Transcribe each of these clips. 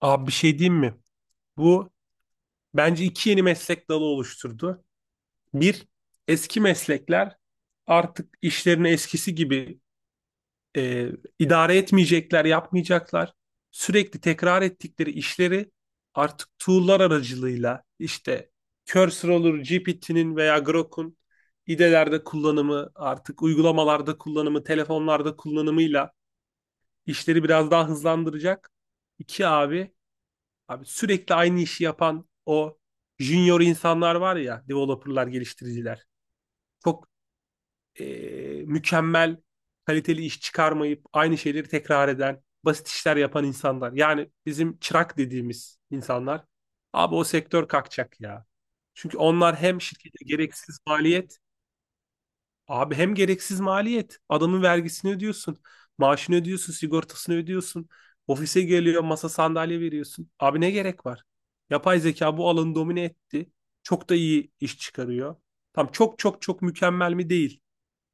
Abi bir şey diyeyim mi? Bu bence iki yeni meslek dalı oluşturdu. Bir, eski meslekler artık işlerini eskisi gibi e, idare etmeyecekler, yapmayacaklar. Sürekli tekrar ettikleri işleri artık tool'lar aracılığıyla işte Cursor olur, GPT'nin veya Grok'un idelerde kullanımı, artık uygulamalarda kullanımı, telefonlarda kullanımıyla işleri biraz daha hızlandıracak. İki abi Abi sürekli aynı işi yapan o junior insanlar var ya, developerlar, geliştiriciler. Çok e, mükemmel, kaliteli iş çıkarmayıp aynı şeyleri tekrar eden, basit işler yapan insanlar. Yani bizim çırak dediğimiz insanlar. Abi o sektör kalkacak ya. Çünkü onlar hem şirkete gereksiz maliyet. Abi hem gereksiz maliyet. Adamın vergisini ödüyorsun. Maaşını ödüyorsun. Sigortasını ödüyorsun. Ofise geliyor masa sandalye veriyorsun. Abi ne gerek var? Yapay zeka bu alanı domine etti. Çok da iyi iş çıkarıyor. Tam çok çok çok mükemmel mi değil.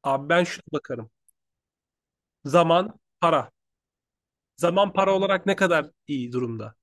Abi ben şuna bakarım. Zaman, para. Zaman para olarak ne kadar iyi durumda?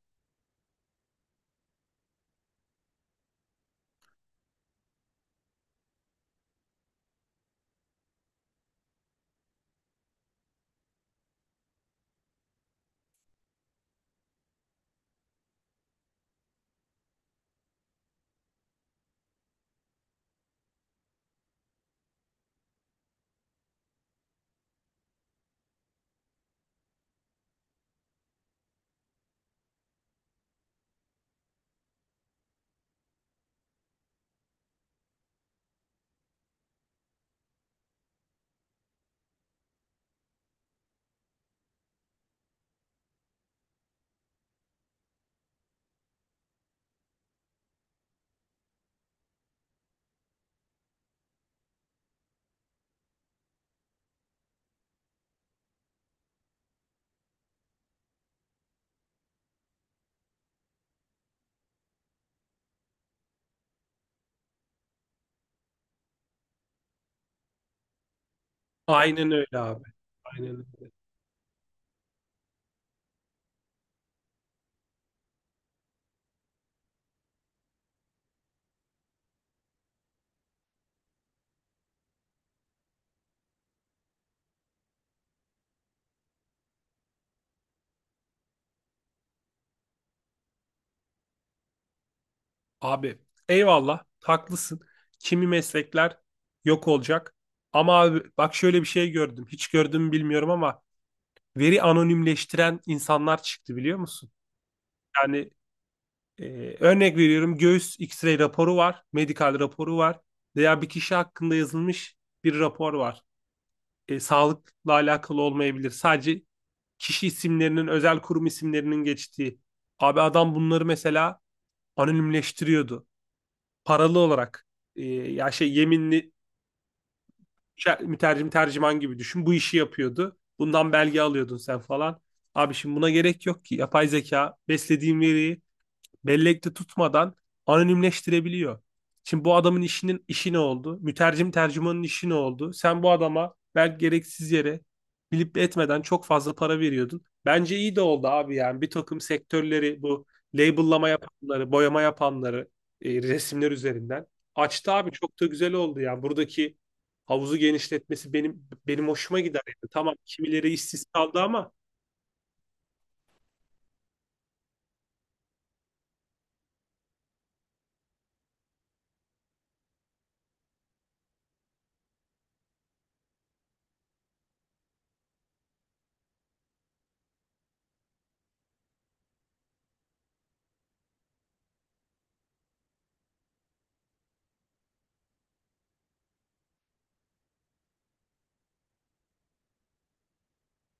Aynen öyle abi. Aynen öyle. Abi eyvallah haklısın. Kimi meslekler yok olacak. Ama abi bak şöyle bir şey gördüm. Hiç gördüm mü bilmiyorum ama veri anonimleştiren insanlar çıktı biliyor musun? Yani örnek veriyorum, göğüs X-ray raporu var. Medikal raporu var. Veya bir kişi hakkında yazılmış bir rapor var. Sağlıkla alakalı olmayabilir. Sadece kişi isimlerinin, özel kurum isimlerinin geçtiği. Abi adam bunları mesela anonimleştiriyordu, paralı olarak. Ya şey, yeminli mütercim tercüman gibi düşün. Bu işi yapıyordu. Bundan belge alıyordun sen falan. Abi şimdi buna gerek yok ki. Yapay zeka beslediğin veriyi bellekte tutmadan anonimleştirebiliyor. Şimdi bu adamın işinin işi ne oldu? Mütercim tercümanın işi ne oldu? Sen bu adama belki gereksiz yere bilip etmeden çok fazla para veriyordun. Bence iyi de oldu abi, yani bir takım sektörleri, bu labellama yapanları, boyama yapanları, resimler üzerinden açtı abi, çok da güzel oldu yani. Buradaki havuzu genişletmesi benim hoşuma gider yani. Tamam, kimileri işsiz kaldı ama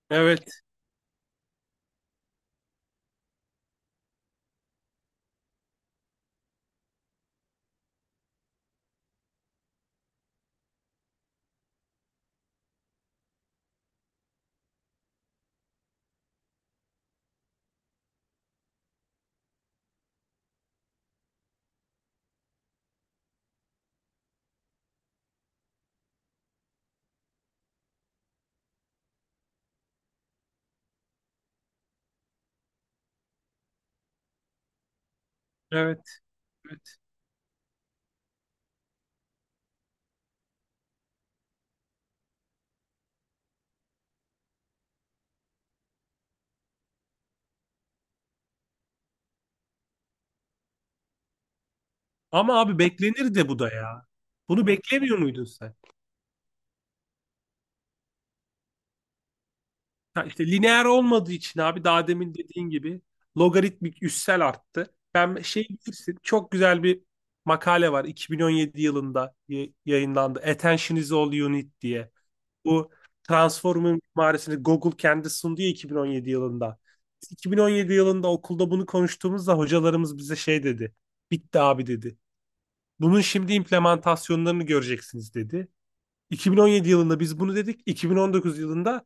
evet, evet. Ama abi beklenir de bu da ya. Bunu beklemiyor muydun sen? Ha işte lineer olmadığı için abi, daha demin dediğin gibi logaritmik, üssel arttı. Ben şey, bilirsin çok güzel bir makale var, 2017 yılında yayınlandı. Attention is all you need diye. Bu transformun mimarisini Google kendi sundu ya 2017 yılında. Biz 2017 yılında okulda bunu konuştuğumuzda hocalarımız bize şey dedi. Bitti abi dedi. Bunun şimdi implementasyonlarını göreceksiniz dedi. 2017 yılında biz bunu dedik. 2019 yılında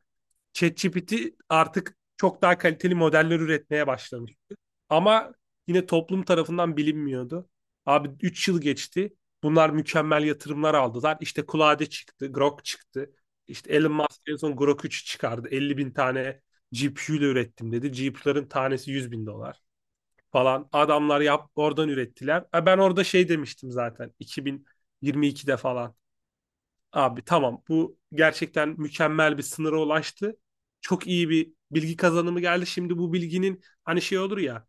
ChatGPT artık çok daha kaliteli modeller üretmeye başlamıştı. Ama yine toplum tarafından bilinmiyordu. Abi 3 yıl geçti. Bunlar mükemmel yatırımlar aldılar. İşte Claude çıktı, Grok çıktı. İşte Elon Musk en son Grok 3'ü çıkardı. 50.000 tane GPU ile ürettim dedi. GPU'ların tanesi 100.000 dolar falan. Adamlar yap oradan ürettiler. Ben orada şey demiştim zaten, 2022'de falan. Abi tamam, bu gerçekten mükemmel bir sınıra ulaştı. Çok iyi bir bilgi kazanımı geldi. Şimdi bu bilginin, hani şey olur ya,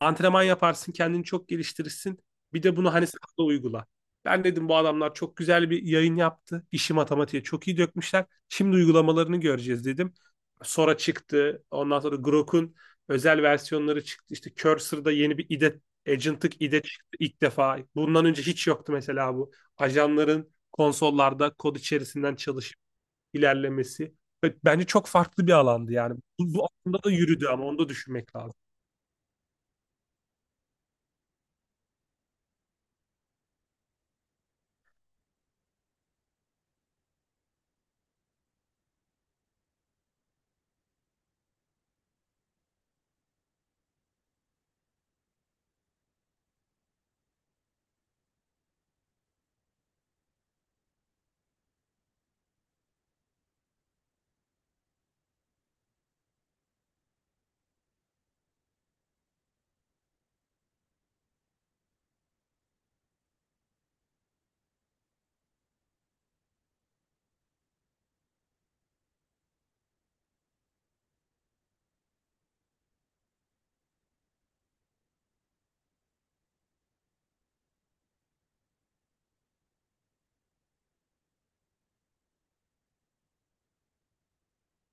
antrenman yaparsın, kendini çok geliştirirsin. Bir de bunu hani sahada uygula. Ben dedim bu adamlar çok güzel bir yayın yaptı. İşi matematiğe çok iyi dökmüşler. Şimdi uygulamalarını göreceğiz dedim. Sora çıktı. Ondan sonra Grok'un özel versiyonları çıktı. İşte Cursor'da yeni bir IDE, Agent'lık IDE çıktı ilk defa. Bundan önce hiç yoktu mesela bu. Ajanların konsollarda kod içerisinden çalışıp ilerlemesi. Ve bence çok farklı bir alandı yani. Bu aslında da yürüdü ama onu da düşünmek lazım.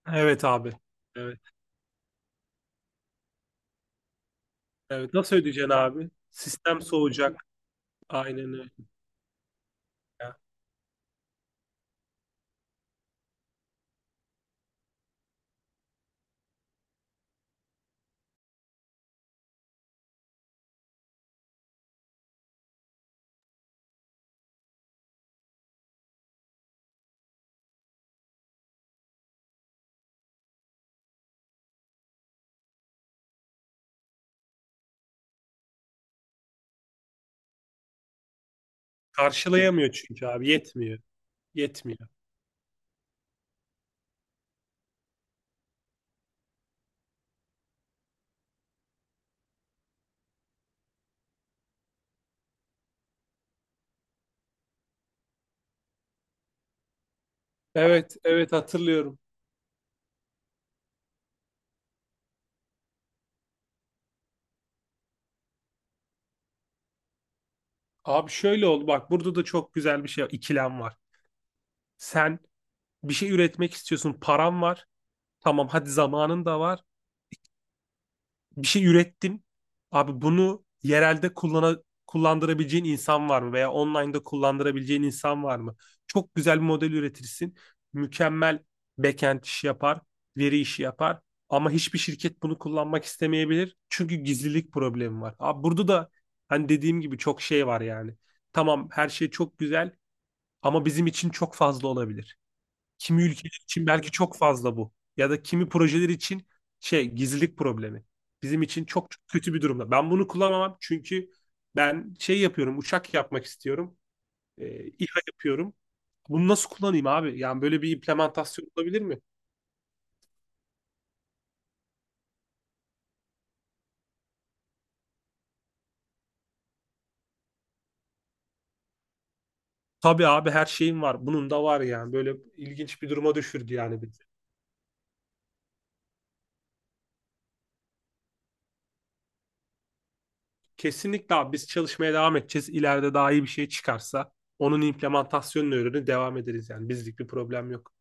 Evet abi. Evet. Evet, nasıl ödeyeceksin abi? Sistem soğuyacak. Aynen öyle ya. Karşılayamıyor çünkü abi. Yetmiyor. Yetmiyor. Evet, evet hatırlıyorum. Abi şöyle oldu. Bak burada da çok güzel bir şey, ikilem var. Sen bir şey üretmek istiyorsun. Paran var. Tamam hadi, zamanın da var. Bir şey ürettin. Abi bunu yerelde kullandırabileceğin insan var mı? Veya online'da kullandırabileceğin insan var mı? Çok güzel bir model üretirsin. Mükemmel backend işi yapar, veri işi yapar. Ama hiçbir şirket bunu kullanmak istemeyebilir. Çünkü gizlilik problemi var. Abi burada da hani dediğim gibi çok şey var yani. Tamam, her şey çok güzel ama bizim için çok fazla olabilir. Kimi ülkeler için belki çok fazla bu. Ya da kimi projeler için, şey, gizlilik problemi. Bizim için çok, çok kötü bir durumda. Ben bunu kullanamam çünkü ben şey yapıyorum, uçak yapmak istiyorum. İHA yapıyorum. Bunu nasıl kullanayım abi? Yani böyle bir implementasyon olabilir mi? Tabii abi, her şeyim var. Bunun da var yani. Böyle ilginç bir duruma düşürdü yani bizi. Kesinlikle abi, biz çalışmaya devam edeceğiz. İleride daha iyi bir şey çıkarsa onun implementasyonunu öğrenip devam ederiz yani. Bizlik bir problem yok.